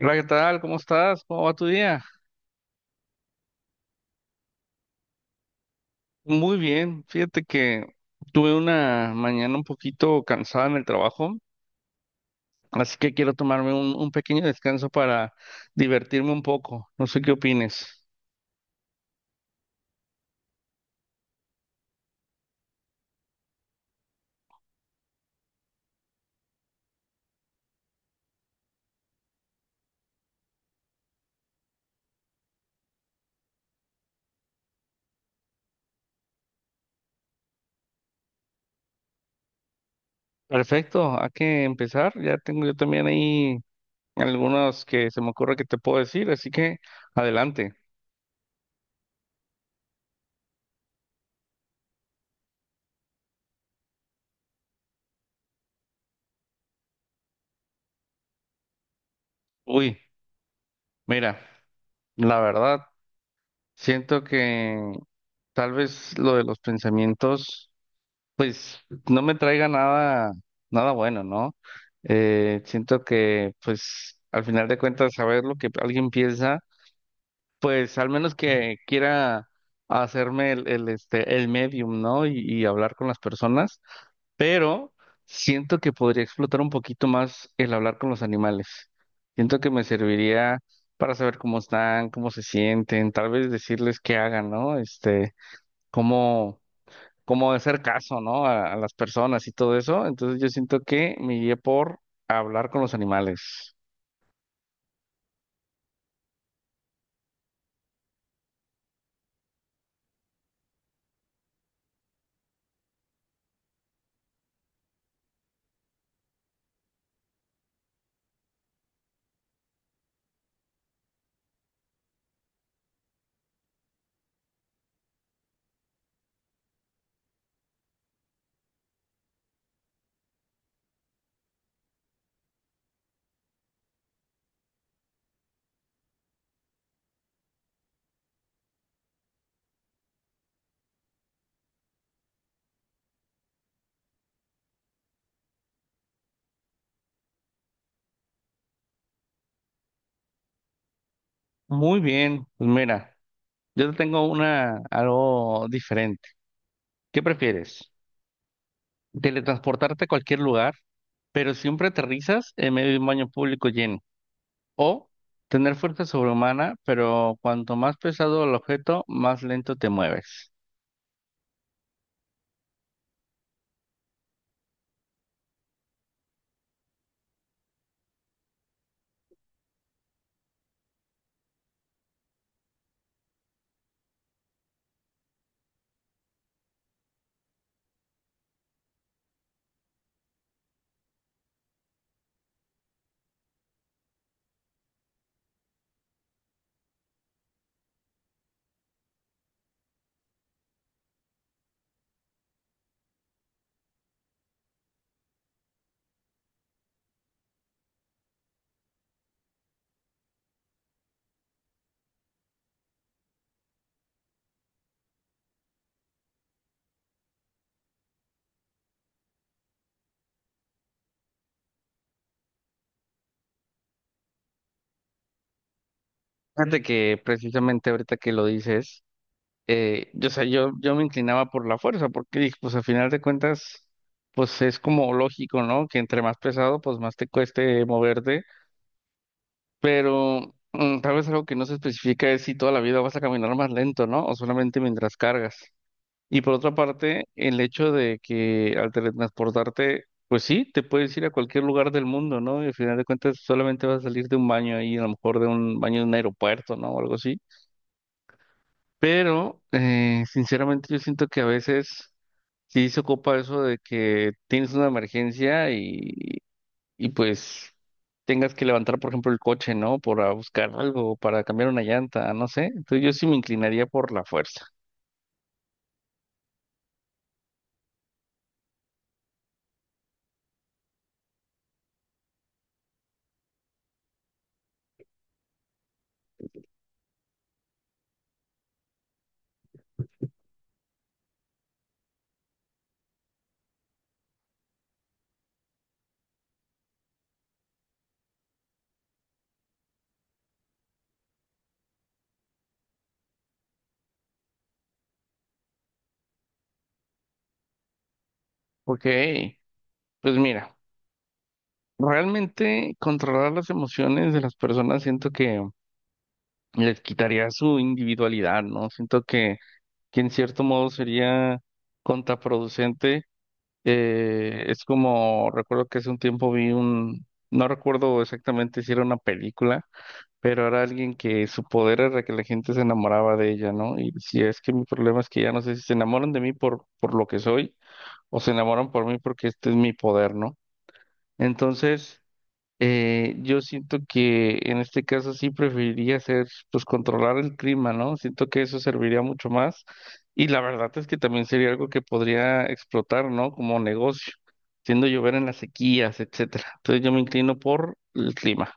Hola, ¿qué tal? ¿Cómo estás? ¿Cómo va tu día? Muy bien. Fíjate que tuve una mañana un poquito cansada en el trabajo, así que quiero tomarme un pequeño descanso para divertirme un poco. No sé qué opines. Perfecto, hay que empezar. Ya tengo yo también ahí algunos que se me ocurre que te puedo decir, así que adelante. Uy, mira, la verdad, siento que tal vez lo de los pensamientos. Pues no me traiga nada, nada bueno, ¿no? Siento que, pues, al final de cuentas, saber lo que alguien piensa, pues, al menos que quiera hacerme el medium, ¿no? Y hablar con las personas, pero siento que podría explotar un poquito más el hablar con los animales. Siento que me serviría para saber cómo están, cómo se sienten, tal vez decirles qué hagan, ¿no? Cómo como hacer caso, ¿no? A las personas y todo eso. Entonces yo siento que me guié por hablar con los animales. Muy bien, pues mira, yo te tengo una algo diferente. ¿Qué prefieres? Teletransportarte a cualquier lugar, pero siempre aterrizas en medio de un baño público lleno. O tener fuerza sobrehumana, pero cuanto más pesado el objeto, más lento te mueves. Fíjate que precisamente ahorita que lo dices. Yo, o sea, yo me inclinaba por la fuerza, porque dije, pues al final de cuentas, pues es como lógico, ¿no? Que entre más pesado, pues más te cueste moverte, pero tal vez algo que no se especifica es si toda la vida vas a caminar más lento, ¿no? O solamente mientras cargas. Y por otra parte, el hecho de que al teletransportarte, pues sí, te puedes ir a cualquier lugar del mundo, ¿no? Y al final de cuentas solamente vas a salir de un baño ahí, a lo mejor de un baño de un aeropuerto, ¿no? O algo así. Pero, sinceramente, yo siento que a veces sí se ocupa eso de que tienes una emergencia y pues tengas que levantar, por ejemplo, el coche, ¿no? Para buscar algo, para cambiar una llanta, no sé. Entonces yo sí me inclinaría por la fuerza. Ok, pues mira, realmente controlar las emociones de las personas siento que les quitaría su individualidad, ¿no? Siento que en cierto modo sería contraproducente. Es como, recuerdo que hace un tiempo vi un, no recuerdo exactamente si era una película, pero era alguien que su poder era que la gente se enamoraba de ella, ¿no? Y si es que mi problema es que ya no sé si se enamoran de mí por lo que soy o se enamoran por mí porque este es mi poder, ¿no? Entonces... yo siento que en este caso sí preferiría hacer, pues controlar el clima, ¿no? Siento que eso serviría mucho más y la verdad es que también sería algo que podría explotar, ¿no? Como negocio, siendo llover en las sequías, etcétera. Entonces yo me inclino por el clima.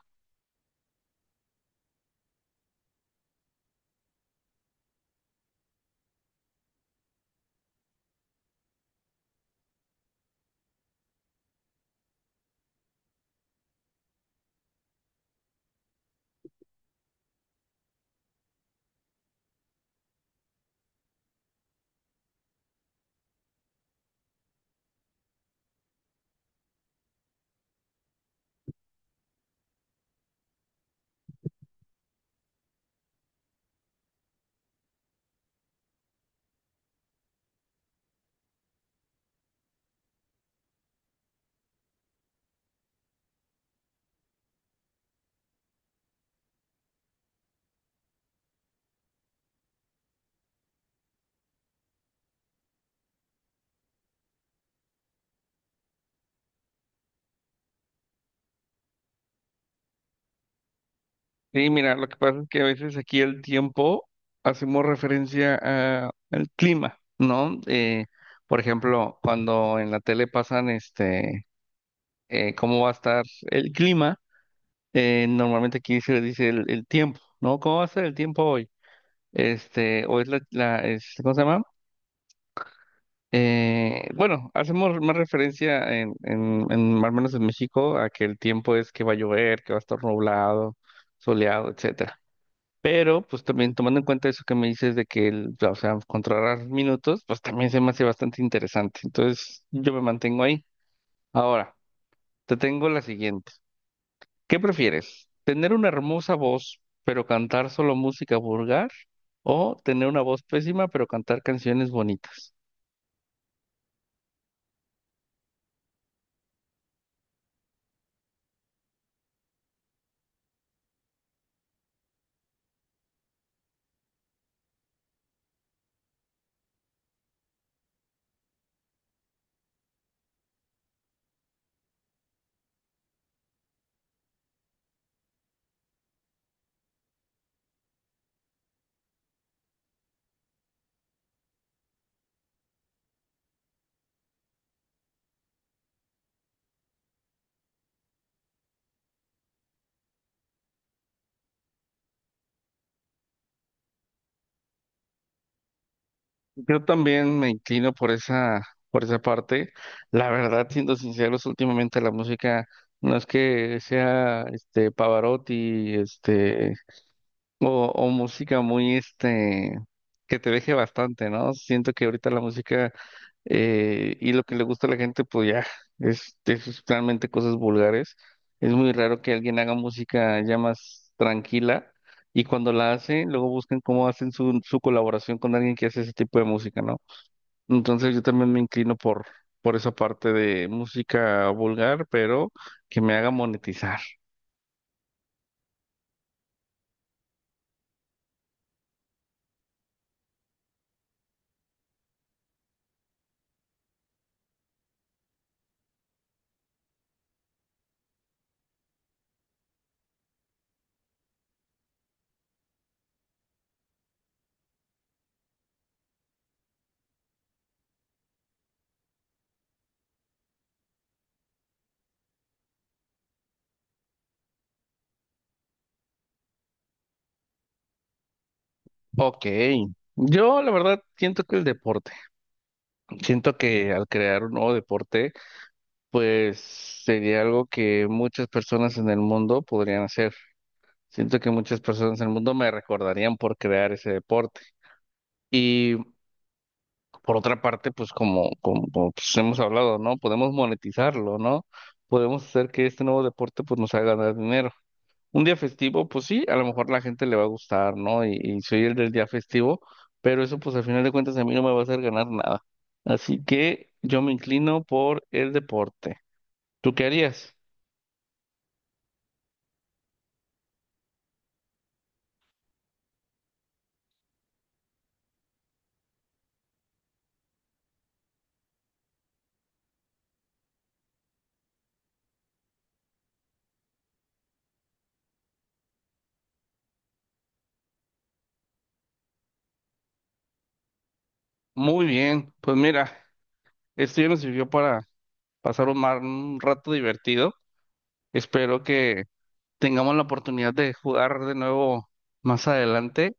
Y mira, lo que pasa es que a veces aquí el tiempo hacemos referencia a- al clima, ¿no? Por ejemplo, cuando en la tele pasan cómo va a estar el clima. Normalmente aquí se dice el tiempo, ¿no? ¿Cómo va a ser el tiempo hoy? Este, hoy es es- ¿cómo se llama? Bueno, hacemos más referencia en, al menos en México, a que el tiempo es que va a llover, que va a estar nublado, soleado, etcétera. Pero, pues también tomando en cuenta eso que me dices de que, el, o sea, controlar minutos, pues también se me hace bastante interesante. Entonces, yo me mantengo ahí. Ahora, te tengo la siguiente. ¿Qué prefieres? ¿Tener una hermosa voz, pero cantar solo música vulgar? ¿O tener una voz pésima, pero cantar canciones bonitas? Yo también me inclino por por esa parte. La verdad, siendo sinceros, últimamente la música no es que sea este Pavarotti, este. O música muy, este, que te deje bastante, ¿no? Siento que ahorita la música y lo que le gusta a la gente, pues ya, es realmente cosas vulgares. Es muy raro que alguien haga música ya más tranquila y cuando la hacen, luego buscan cómo hacen su colaboración con alguien que hace ese tipo de música, ¿no? Entonces yo también me inclino por esa parte de música vulgar, pero que me haga monetizar. Ok. Yo la verdad siento que el deporte. Siento que al crear un nuevo deporte, pues sería algo que muchas personas en el mundo podrían hacer. Siento que muchas personas en el mundo me recordarían por crear ese deporte. Y por otra parte, pues pues, hemos hablado, ¿no? Podemos monetizarlo, ¿no? Podemos hacer que este nuevo deporte pues nos haga ganar dinero. Un día festivo, pues sí, a lo mejor la gente le va a gustar, ¿no? Y soy el del día festivo, pero eso pues al final de cuentas a mí no me va a hacer ganar nada. Así que yo me inclino por el deporte. ¿Tú qué harías? Muy bien, pues mira, esto ya nos sirvió para pasar un rato divertido. Espero que tengamos la oportunidad de jugar de nuevo más adelante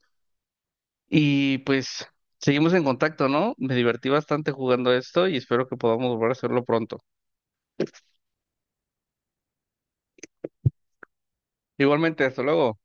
y pues seguimos en contacto, ¿no? Me divertí bastante jugando esto y espero que podamos volver a hacerlo pronto. Igualmente, hasta luego.